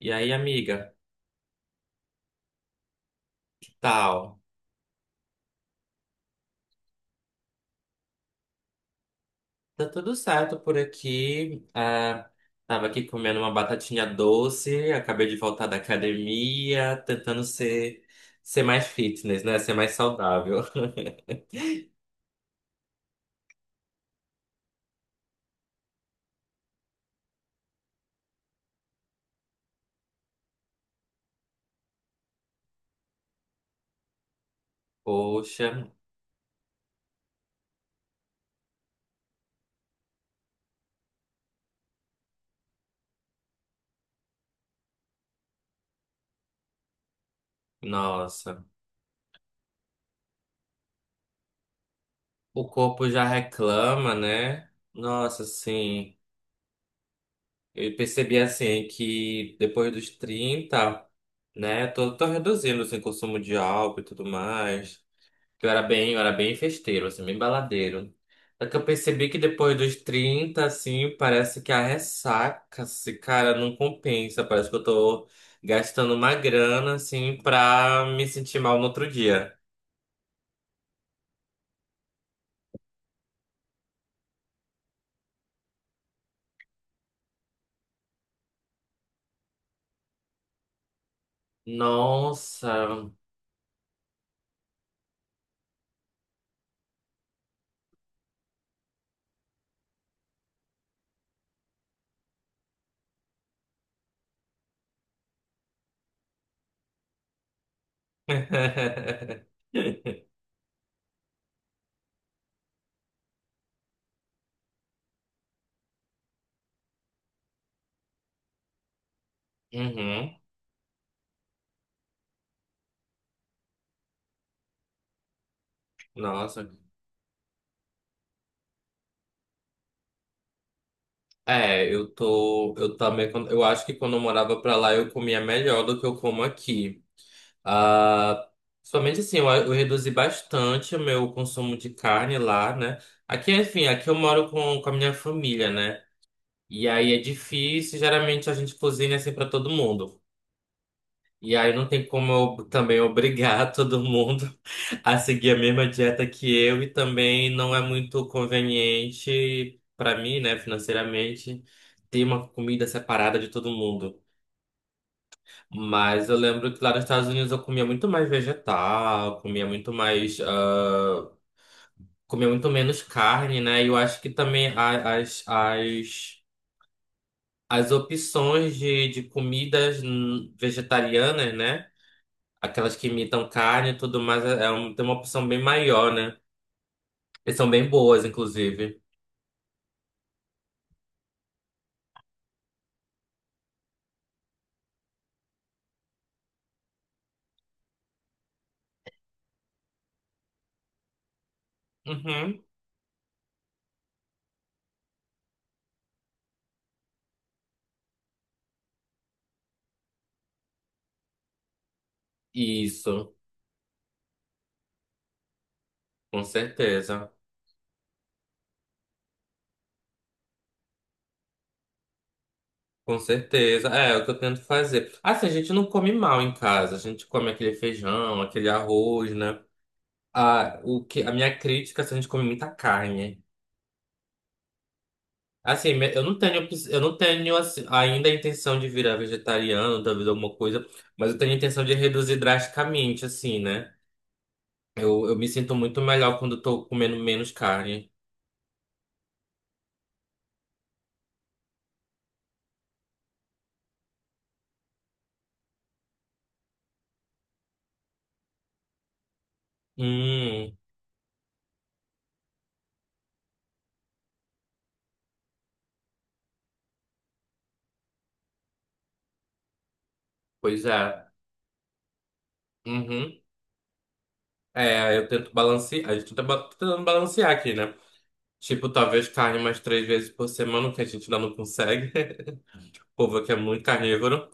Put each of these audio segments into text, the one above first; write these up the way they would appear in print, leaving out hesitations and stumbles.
E aí, amiga, que tal? Tá tudo certo por aqui. Tava aqui comendo uma batatinha doce, acabei de voltar da academia, tentando ser mais fitness, né? Ser mais saudável. Poxa, nossa. O corpo já reclama, né? Nossa, sim. Eu percebi assim que depois dos 30, né? Tô reduzindo assim, o consumo de álcool e tudo mais. Eu era bem festeiro, assim, bem baladeiro. Só que eu percebi que depois dos 30, assim, parece que a ressaca, se cara, não compensa. Parece que eu tô gastando uma grana, assim, pra me sentir mal no outro dia. Nossa. Uhum. Nossa. Eu também, eu acho que quando eu morava pra lá eu comia melhor do que eu como aqui. Ah, somente assim, eu reduzi bastante o meu consumo de carne lá, né? Aqui, enfim, aqui eu moro com a minha família, né? E aí é difícil, geralmente a gente cozinha assim para todo mundo. E aí não tem como eu também obrigar todo mundo a seguir a mesma dieta que eu e também não é muito conveniente para mim, né, financeiramente, ter uma comida separada de todo mundo. Mas eu lembro que lá nos Estados Unidos eu comia muito mais vegetal, comia muito mais, comia muito menos carne, né? E eu acho que também as opções de comidas vegetarianas, né? Aquelas que imitam carne e tudo mais, tem uma opção bem maior, né? E são bem boas, inclusive. Uhum. Isso, com certeza. Com certeza. É, é o que eu tento fazer. Assim, a gente não come mal em casa. A gente come aquele feijão, aquele arroz, né? A minha crítica é se a gente come muita carne. Assim, eu não eu não tenho assim, ainda a intenção de virar vegetariano, talvez alguma coisa, mas eu tenho a intenção de reduzir drasticamente, assim, né? Eu me sinto muito melhor quando eu tô comendo menos carne. Hum, pois é. Uhum. É, eu tento balancear, a gente tá tentando balancear aqui, né? Tipo, talvez carne mais 3 vezes por semana, que a gente ainda não consegue. O povo aqui é muito carnívoro.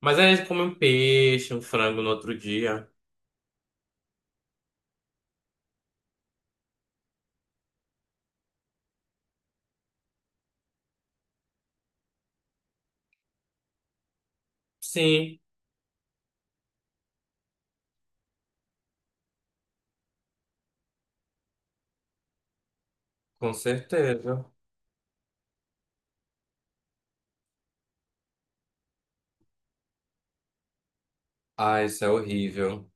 Mas aí a gente come um peixe, um frango no outro dia. Sim, com certeza. Ah, isso é horrível.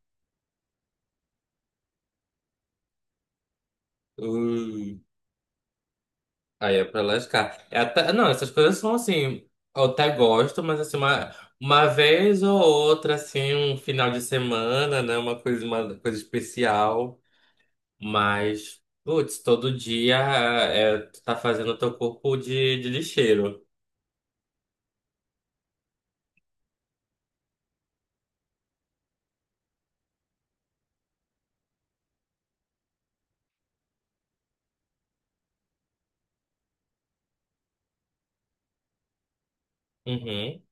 Ui, aí é pra lascar. Não, essas coisas são assim, eu até gosto, mas assim, uma vez ou outra, assim, um final de semana, né? Uma coisa especial. Mas, putz, todo dia é, tu tá fazendo o teu corpo de lixeiro. Uhum,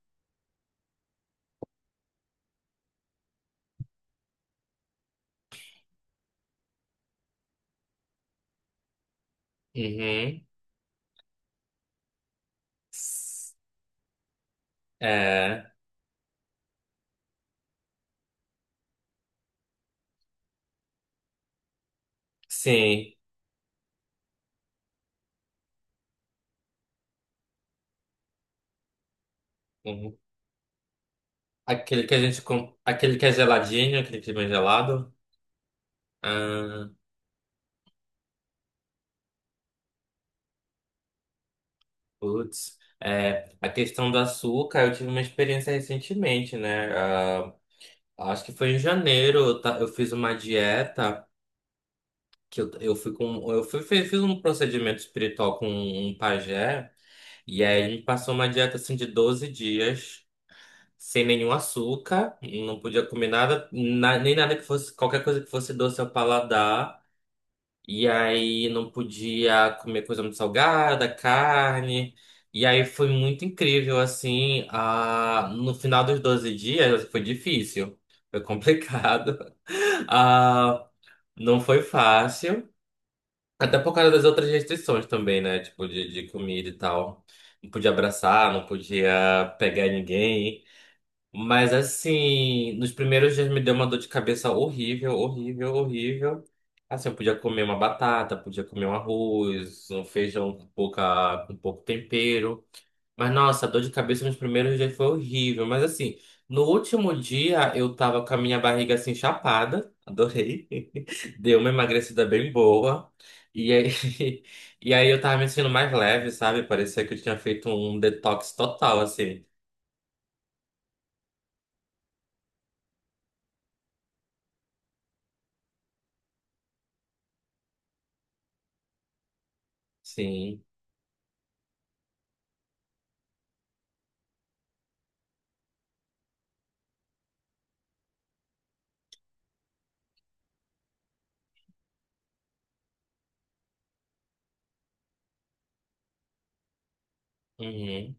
uhum. S- É, sim. Uhum. Aquele que a aquele que é geladinho, aquele que é bem gelado. Ah, putz. É, a questão do açúcar, eu tive uma experiência recentemente, né? Ah, acho que foi em janeiro, eu fiz uma dieta que eu fui com, eu fui, fiz, fiz um procedimento espiritual com um pajé, e aí ele me passou uma dieta assim de 12 dias, sem nenhum açúcar, não podia comer nada, na- nem nada que fosse, qualquer coisa que fosse doce ao paladar. E aí não podia comer coisa muito salgada, carne. E aí foi muito incrível, assim. Ah, no final dos 12 dias foi difícil, foi complicado. Ah, não foi fácil. Até por causa das outras restrições também, né? Tipo, de comida e tal. Não podia abraçar, não podia pegar ninguém. Mas assim, nos primeiros dias me deu uma dor de cabeça horrível, horrível, horrível. Assim, eu podia comer uma batata, podia comer um arroz, um feijão com com pouco tempero. Mas nossa, a dor de cabeça nos primeiros dias foi horrível. Mas assim, no último dia eu tava com a minha barriga assim chapada, adorei. Deu uma emagrecida bem boa. E aí, e aí eu tava me sentindo mais leve, sabe? Parecia que eu tinha feito um detox total, assim. Sim. Uhum.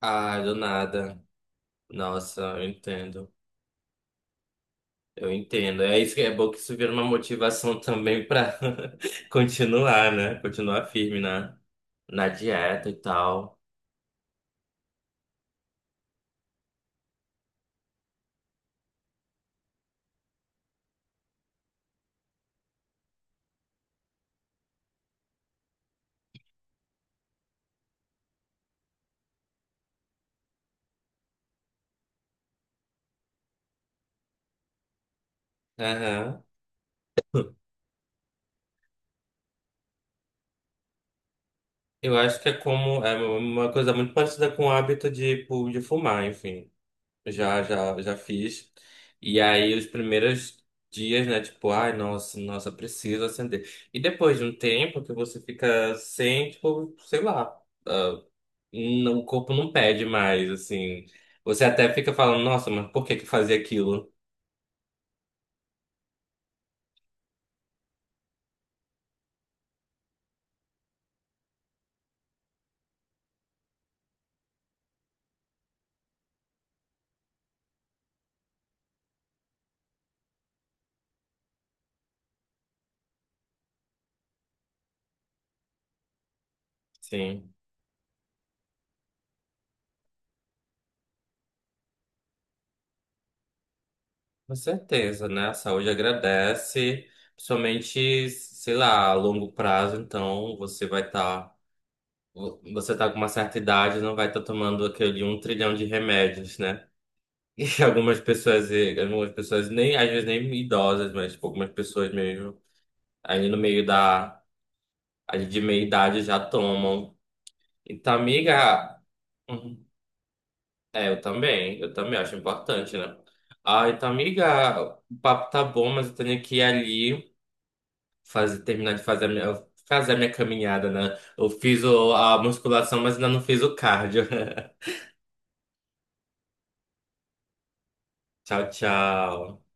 Ah, do nada. Nossa, eu entendo. Eu entendo. É isso que é bom, que isso vira uma motivação também pra continuar, né? Continuar firme na dieta e tal. Aham. Eu acho que é como é uma coisa muito parecida com o hábito de fumar, enfim. Já fiz. E aí os primeiros dias, né? Tipo, ai, nossa, preciso acender. E depois de um tempo que você fica sem, tipo, sei lá. Não, o corpo não pede mais, assim. Você até fica falando, nossa, mas por que que fazia aquilo? Sim, com certeza, né? A saúde agradece, principalmente, sei lá, a longo prazo, então você vai estar. Você tá com uma certa idade, não vai estar tomando aquele um trilhão de remédios, né? E algumas pessoas nem, às vezes nem idosas, mas tipo, algumas pessoas mesmo, ali no meio da, ali de meia idade já tomam. Então, amiga. Hum, é, eu também acho importante, né? Ah, então, amiga, o papo tá bom, mas eu tenho que ir ali fazer a minha caminhada, né? Eu fiz a musculação, mas ainda não fiz o cardio. Tchau, tchau.